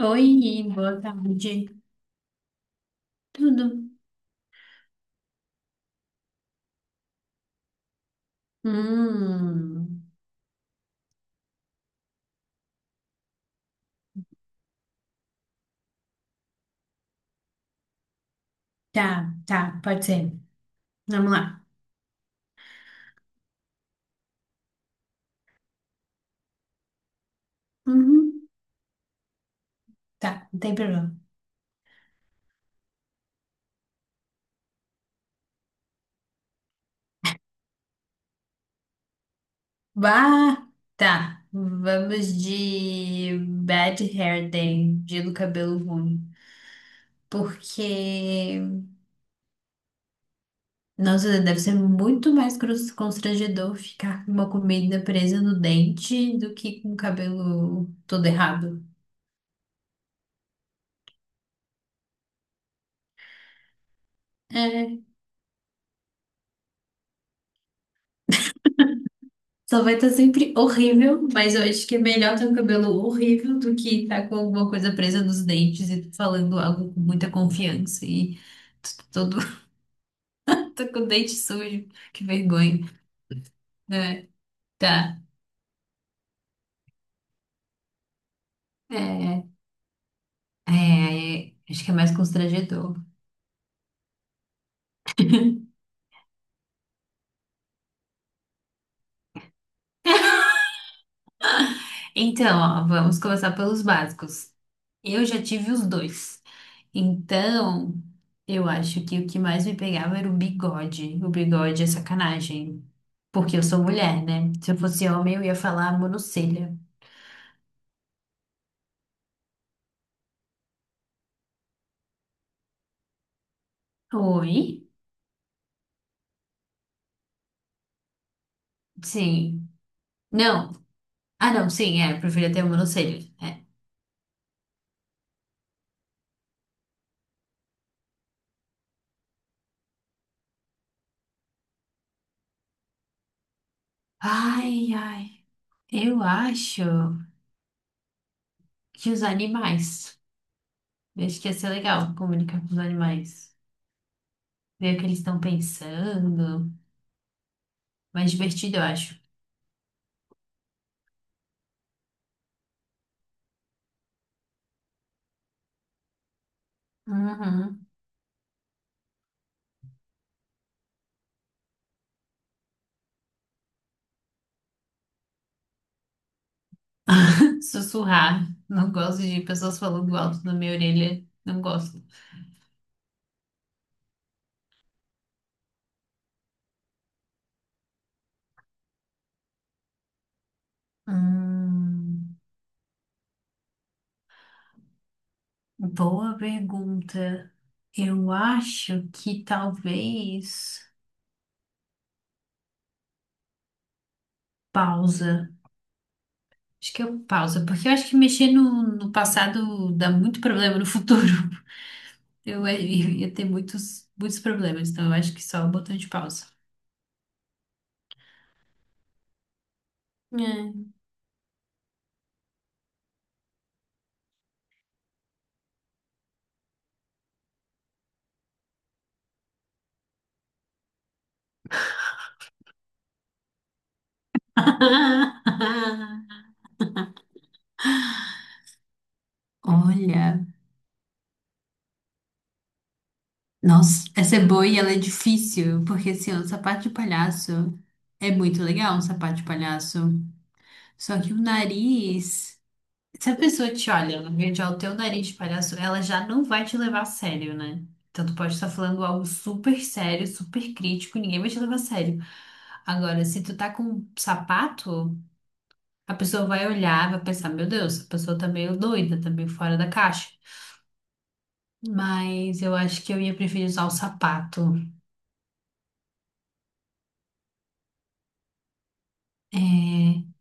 Oi, boa tarde. Tudo? Hum, tá, tá, pode ser. Vamos lá. Uhum, tá, não tem problema. Bah, tá. Vamos de Bad Hair Day, dia do cabelo ruim. Porque, nossa, deve ser muito mais constrangedor ficar com uma comida presa no dente do que com o cabelo todo errado. É. Só vai estar sempre horrível, mas eu acho que é melhor ter um cabelo horrível do que estar com alguma coisa presa nos dentes e falando algo com muita confiança e todo tô com o dente sujo, que vergonha, né? Tá. É, é, é, acho que é mais constrangedor. Então, ó, vamos começar pelos básicos. Eu já tive os dois. Então, eu acho que o que mais me pegava era o bigode. O bigode é sacanagem. Porque eu sou mulher, né? Se eu fosse homem, eu ia falar monocelha. Oi? Sim. Não. Ah, não, sim, é. Eu preferia ter um monocelha. É. Ai, ai. Eu acho que os animais. Eu acho que ia ser legal comunicar com os animais. Ver o que eles estão pensando. Mais divertido, eu acho. Uhum. Sussurrar. Não gosto de pessoas falando alto na minha orelha. Não gosto. Hum, boa pergunta. Eu acho que talvez pausa. Acho que eu pausa, porque eu acho que mexer no passado dá muito problema no futuro. Eu ia ter muitos, muitos problemas, então eu acho que só o botão de pausa. É. Olha. Nossa, essa é boa e ela é difícil, porque assim, ó, o sapato de palhaço é muito legal, um sapato de palhaço. Só que o nariz, se a pessoa te olha, no vídeo, olha o teu nariz de palhaço, ela já não vai te levar a sério, né? Então tu pode estar falando algo super sério, super crítico, ninguém vai te levar a sério. Agora, se tu tá com um sapato, a pessoa vai olhar, vai pensar, meu Deus, essa pessoa tá meio doida, tá meio fora da caixa. Mas eu acho que eu ia preferir usar o sapato. É,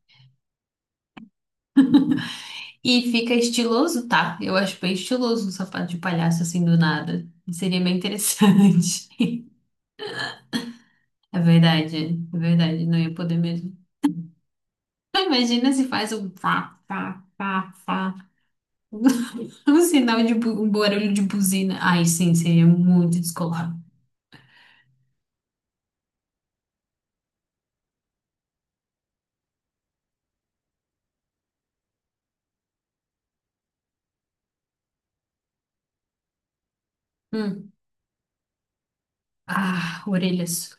e fica estiloso, tá? Eu acho bem estiloso um sapato de palhaço assim do nada. Seria bem interessante. É verdade, é verdade. Não ia poder mesmo. Ah, imagina se faz um fá, fá, fá, fá. Um sinal de um barulho de buzina. Ai, sim, seria muito descolado. Hum. Ah, orelhas.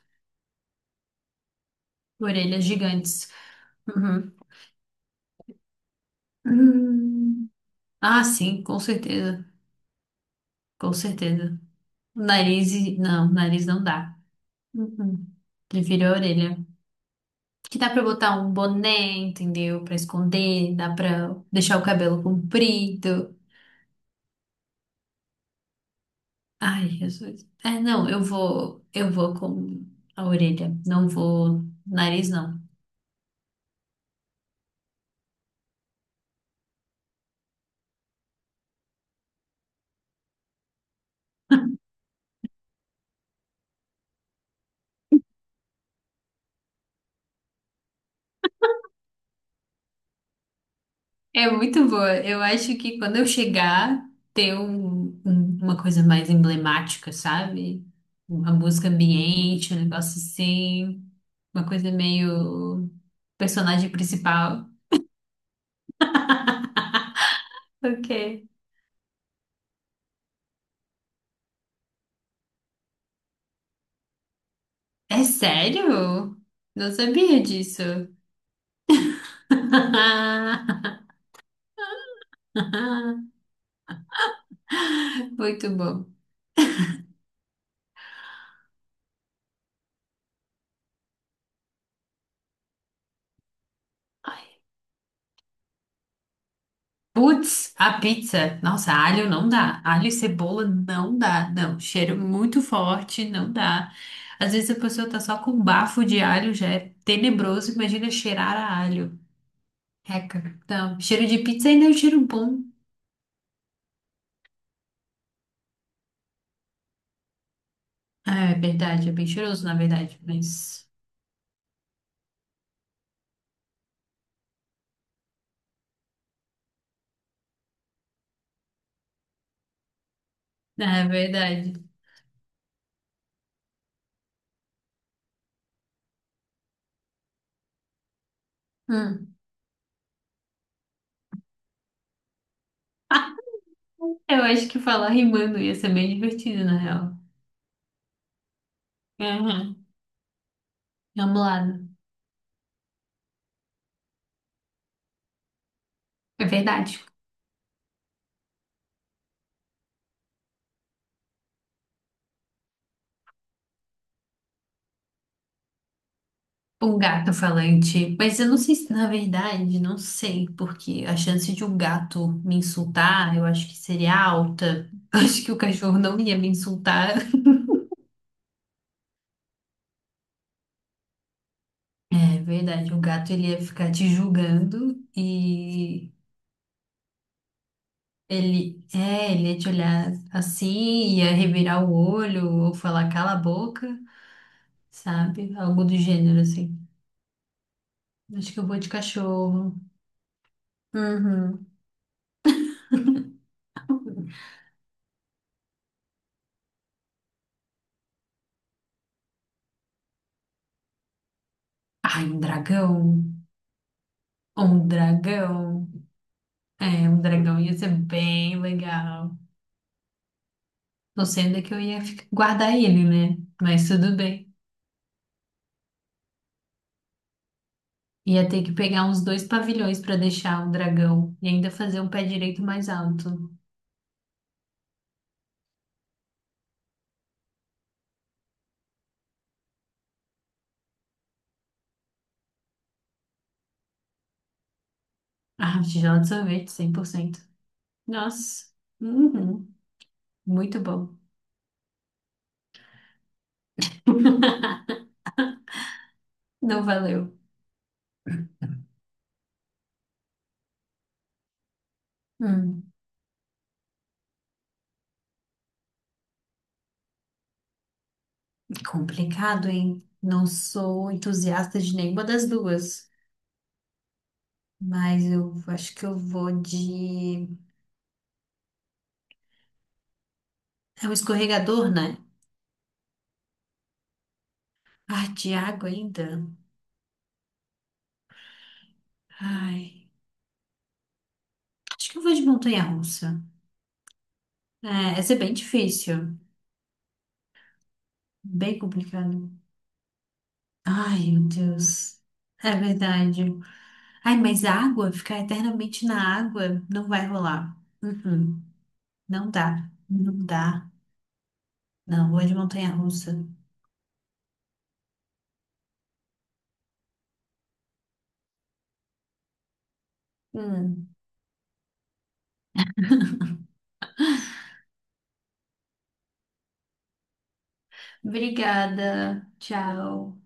Orelhas gigantes. Uhum. Hum. Ah, sim, com certeza. Com certeza. Nariz, não, nariz não dá. Uhum. Prefiro a orelha. Que dá pra botar um boné, entendeu? Pra esconder, dá pra deixar o cabelo comprido. Ai, Jesus. É, não, eu vou com a orelha. Não vou nariz, não. É muito boa. Eu acho que quando eu chegar, ter uma coisa mais emblemática, sabe? Uma música ambiente, um negócio assim. Uma coisa meio personagem principal. O quê? É sério? Não sabia disso. Muito bom. Putz, a pizza. Nossa, alho não dá. Alho e cebola não dá. Não, cheiro muito forte, não dá. Às vezes a pessoa tá só com bafo de alho, já é tenebroso. Imagina cheirar a alho. Reca. Não, cheiro de pizza ainda é um cheiro bom. É verdade, é bem cheiroso, na verdade, mas. É verdade. Hum. Eu acho que falar rimando ia ser bem divertido, na real. Uhum. Vamos lá. É verdade. O gato falante. Mas eu não sei se, na verdade, não sei, porque a chance de um gato me insultar, eu acho que seria alta. Acho que o cachorro não ia me insultar. É verdade, o gato ele ia ficar te julgando e ele, é, ele ia te olhar assim, ia revirar o olho ou falar cala a boca, sabe? Algo do gênero assim. Acho que eu vou de cachorro. Uhum. Ai, um dragão. Um dragão. É, um dragão ia ser bem legal. Não sei onde é que eu ia guardar ele, né? Mas tudo bem. Ia ter que pegar uns dois pavilhões pra deixar o dragão e ainda fazer um pé direito mais alto. Ah, tigela de sorvete, 100%. Nossa, uhum, muito bom. Não valeu. Hum, complicado, hein? Não sou entusiasta de nenhuma das duas, mas eu acho que eu vou de. É um escorregador, né? Ah, de água ainda. Ai. Acho que eu vou de montanha-russa. É, essa é bem difícil, bem complicado. Ai, meu Deus. É verdade. Ai, mas água, ficar eternamente na água não vai rolar. Uhum. Não dá, não dá. Não, vou de montanha-russa. Hum. Obrigada, tchau.